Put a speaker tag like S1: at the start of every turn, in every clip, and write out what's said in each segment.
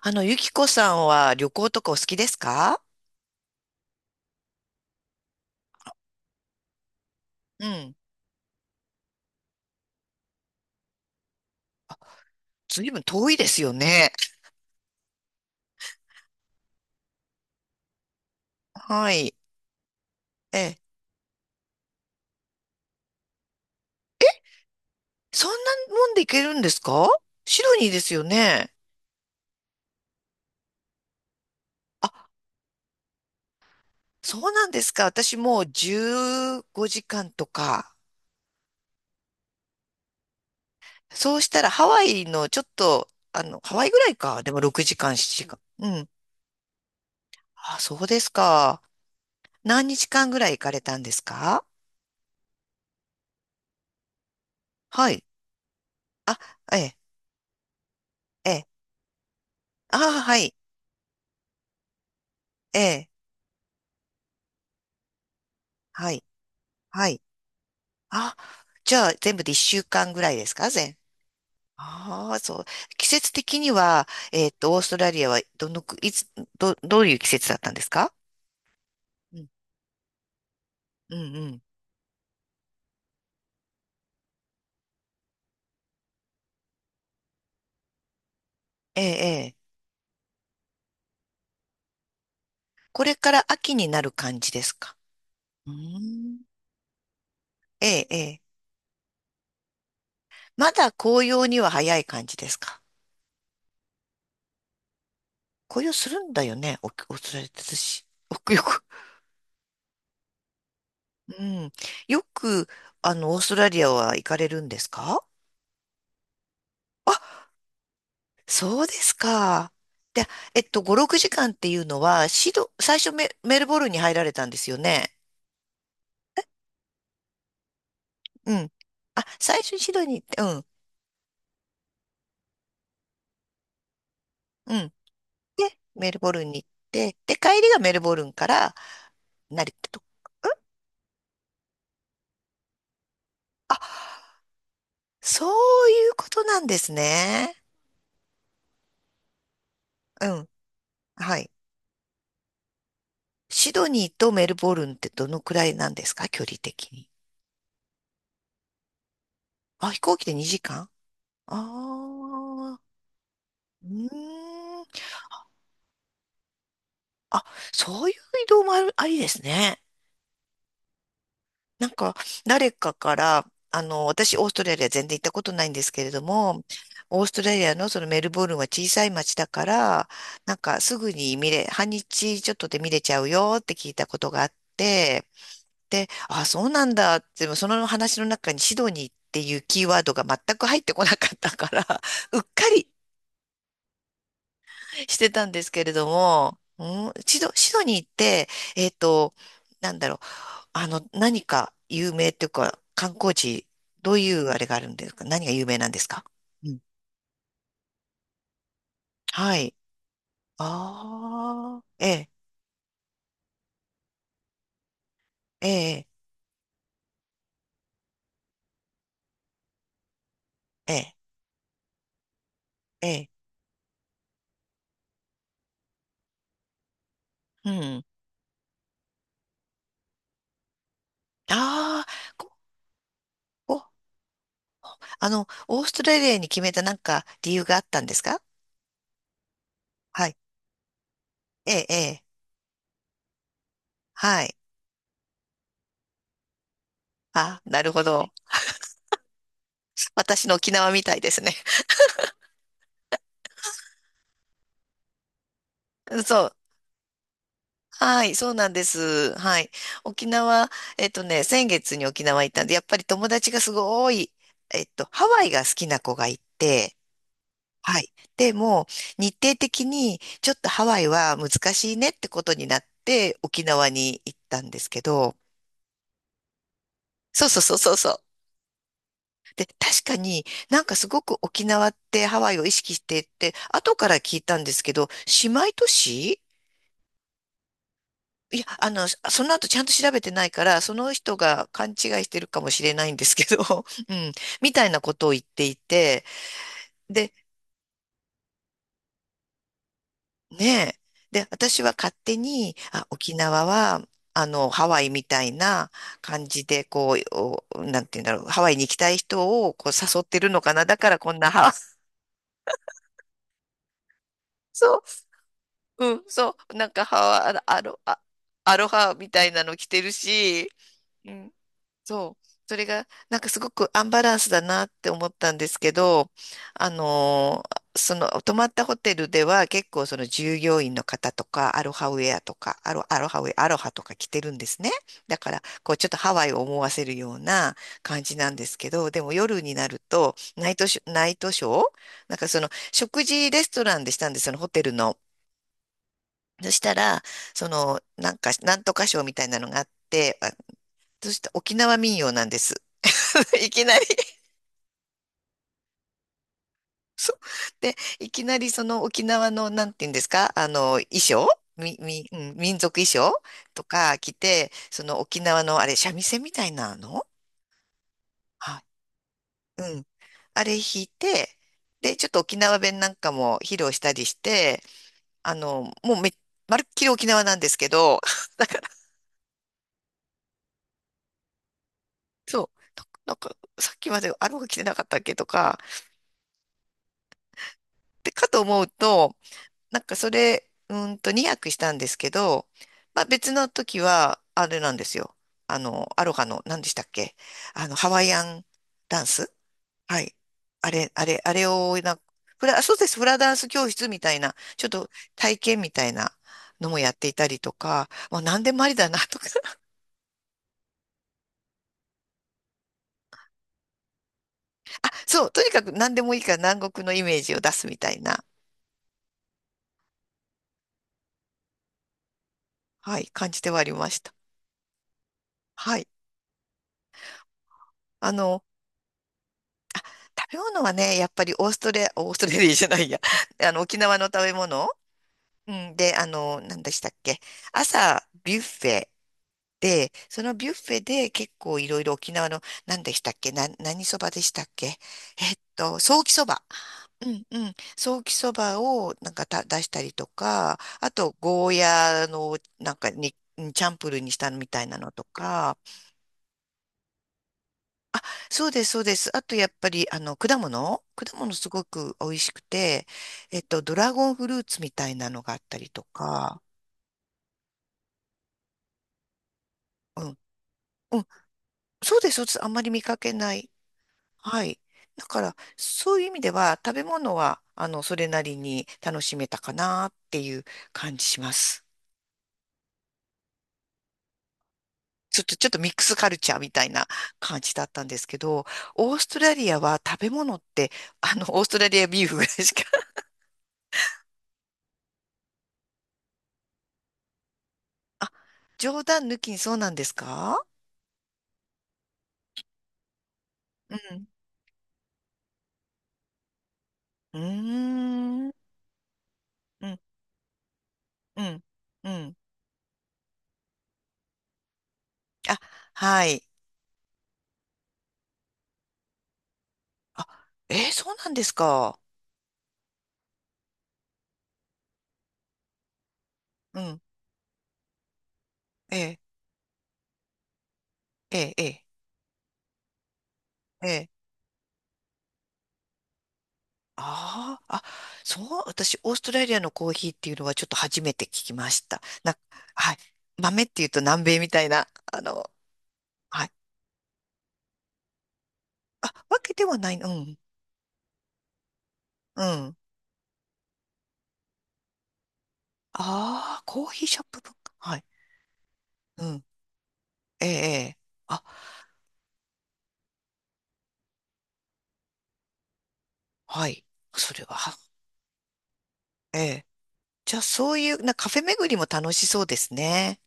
S1: あの、ゆきこさんは旅行とかお好きですか？うん。ずいぶん遠いですよね。はい。ええ、そんなもんで行けるんですか？シドニーですよね。あ、そうなんですか。私もう15時間とか。そうしたらハワイのちょっと、あの、ハワイぐらいか。でも6時間、7時間。うん。あ、そうですか。何日間ぐらい行かれたんですか？はい。あ、ええ、ええ。あ、はい。ええ、はい。はい。あ、じゃあ全部で1週間ぐらいですか全。ああ、そう。季節的には、オーストラリアはどのく、いつ、ど、どういう季節だったんですか？うん、うん、うん。ええ、ええ。これから秋になる感じですか？うーん。ええ、ええ。まだ紅葉には早い感じですか？紅葉するんだよね、オーオーストラリアって私。およく、よくうん。よく、オーストラリアは行かれるんですか？そうですか。で、5、6時間っていうのは、シド、最初メ、メルボルンに入られたんですよね。うん。あ、最初にシドニーに行って、うん、うん。で、メルボルンに行って、で、帰りがメルボルンから成田と。あ、そういうことなんですね。うん。はい。シドニーとメルボルンってどのくらいなんですか距離的に。あ、飛行機で2時間。ああー、うーん。あ、そういう移動もある、ありですね。なんか、誰かから、あの、私、オーストラリア全然行ったことないんですけれども、オーストラリアのそのメルボルンは小さい町だから、なんかすぐに見れ、半日ちょっとで見れちゃうよって聞いたことがあって、で、あ、そうなんだって、でもその話の中にシドニーっていうキーワードが全く入ってこなかったから、うっかりしてたんですけれども、うん、シド、シドニーって、えっと、なんだろう、あの、何か有名というか、観光地、どういうあれがあるんですか？何が有名なんですか？うん。はい。ああ、ええ、ええ、ええ、ええ、うん。ああ、ここ、あの、オーストラリアに決めたなんか理由があったんですか？はい。ええ、ええ、はい。あ、なるほど。私の沖縄みたいですね。そう。はい、そうなんです。はい。沖縄、えっとね、先月に沖縄行ったんで、やっぱり友達がすごい、ハワイが好きな子がいて、はい。でも、日程的に、ちょっとハワイは難しいねってことになって、沖縄に行ったんですけど、そうそうそうそうそう。で、確かになんかすごく沖縄ってハワイを意識してって、後から聞いたんですけど、姉妹都市。いや、あの、その後ちゃんと調べてないから、その人が勘違いしてるかもしれないんですけど、うん、みたいなことを言っていて、で、ねえ、で、私は勝手に、あ、沖縄は、あの、ハワイみたいな感じで、こう、おなんて言うんだろう、ハワイに行きたい人をこう誘ってるのかな、だからこんなハ、そう、うん、そう、なんかハワ、あの、アロ、あアロハみたいなの着てるし、うん、そう。それが、なんかすごくアンバランスだなって思ったんですけど、あのーその、泊まったホテルでは結構その従業員の方とか、アロハウェアとか、アロ、アロハウェア、アロハとか着てるんですね。だから、こう、ちょっとハワイを思わせるような感じなんですけど、でも夜になると、ナイトショ、ナイトショーなんかその、食事レストランでしたんです、そのホテルの。そしたら、その、なんか、なんとかショーみたいなのがあって、あ、そして沖縄民謡なんです。いきなり。 そう。で、いきなりその沖縄の、なんて言うんですか、あの、衣装み、み、うん、民族衣装とか着て、その沖縄の、あれ、三味線みたいなの。はい。うん。あれ弾いて、で、ちょっと沖縄弁なんかも披露したりして、あの、もうめ、まるっきり沖縄なんですけど、そう。なんか、なんかさっきまであの子着てなかったっけとか、で、かと思うと、なんかそれ、うーんと2泊したんですけど、まあ別の時は、あれなんですよ。あの、アロハの、何でしたっけ？あの、ハワイアンダンス。はい。あれ、あれ、あれをな、フラ、そうです、フラダンス教室みたいな、ちょっと体験みたいなのもやっていたりとか、まあ何でもありだなとか、そう、とにかく何でもいいから南国のイメージを出すみたいな、はい、感じてはありました。はい。あの、食べ物はね、やっぱりオーストラリア、オーストラリアじゃないや、あの、沖縄の食べ物、うん、で、あの、何でしたっけ、朝、ビュッフェで、そのビュッフェで結構いろいろ沖縄の、何でしたっけ、な、何そばでしたっけ、ソーキそば。うんうん。ソーキそばをなんかた出したりとか、あと、ゴーヤのなんかに、チャンプルーにしたのみたいなのとか、そうです、そうです。あとやっぱり、あの、果物果物すごく美味しくて、ドラゴンフルーツみたいなのがあったりとか、うん、うん、そうです、そうです。あんまり見かけない。はい。だから、そういう意味では、食べ物は、あの、それなりに楽しめたかなっていう感じします。ちょっと、ちょっとミックスカルチャーみたいな感じだったんですけど、オーストラリアは食べ物って、あの、オーストラリアビーフぐらいしか、あ、冗談抜きにそうなんですか？うん、うーん、うん、うん、うん。あ、はい。あ、えーそうなんですか。うん、ええ、ええ、えーえー、ああ、あ、そう、私、オーストラリアのコーヒーっていうのはちょっと初めて聞きました。な、はい。豆っていうと南米みたいな、あの、はい。あ、わけではない、うん、うん。ああ、コーヒーショップ文化。はい。うん、ええ、えー、あ、はい。それは、は、ええ。じゃあ、そういう、な、カフェ巡りも楽しそうですね。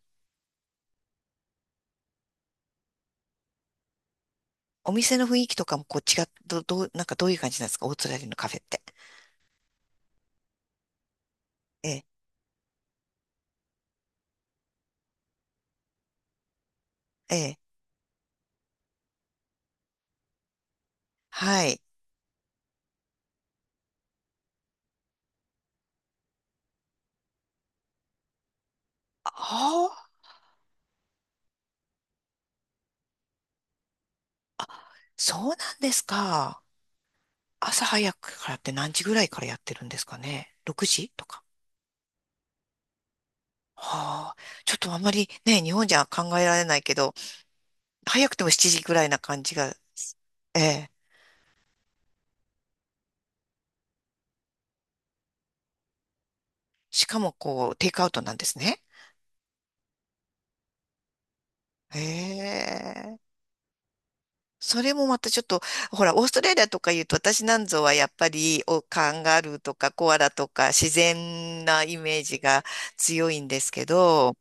S1: お店の雰囲気とかもこう違っ、ど、どう、なんかどういう感じなんですかオーストラリアのカフェって。ええ、ええ、はい。ああ、そうなんですか。朝早くからって何時ぐらいからやってるんですかね？ 6 時とか。はあ、ちょっとあんまりね、日本じゃ考えられないけど、早くても7時ぐらいな感じが、ええ、しかもこう、テイクアウトなんですね。へえ、それもまたちょっと、ほら、オーストラリアとか言うと、私なんぞはやっぱり、お、カンガルーとかコアラとか自然なイメージが強いんですけど、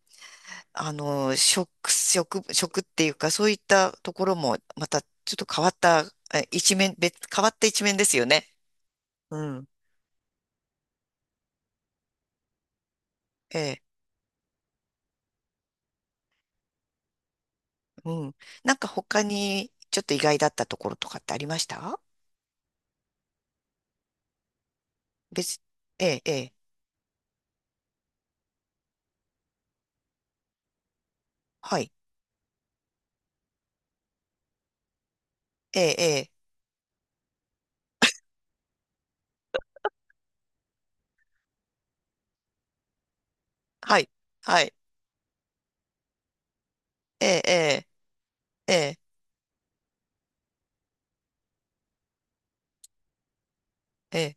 S1: あの、食、食、食っていうか、そういったところも、またちょっと変わった、え一面、別、変わった一面ですよね。うん。ええ、うん。なんか他に、ちょっと意外だったところとかってありました？別、ええ、ええ、はい。ええ、ええ、はい。はい。ええ、ええ、ええ、ええ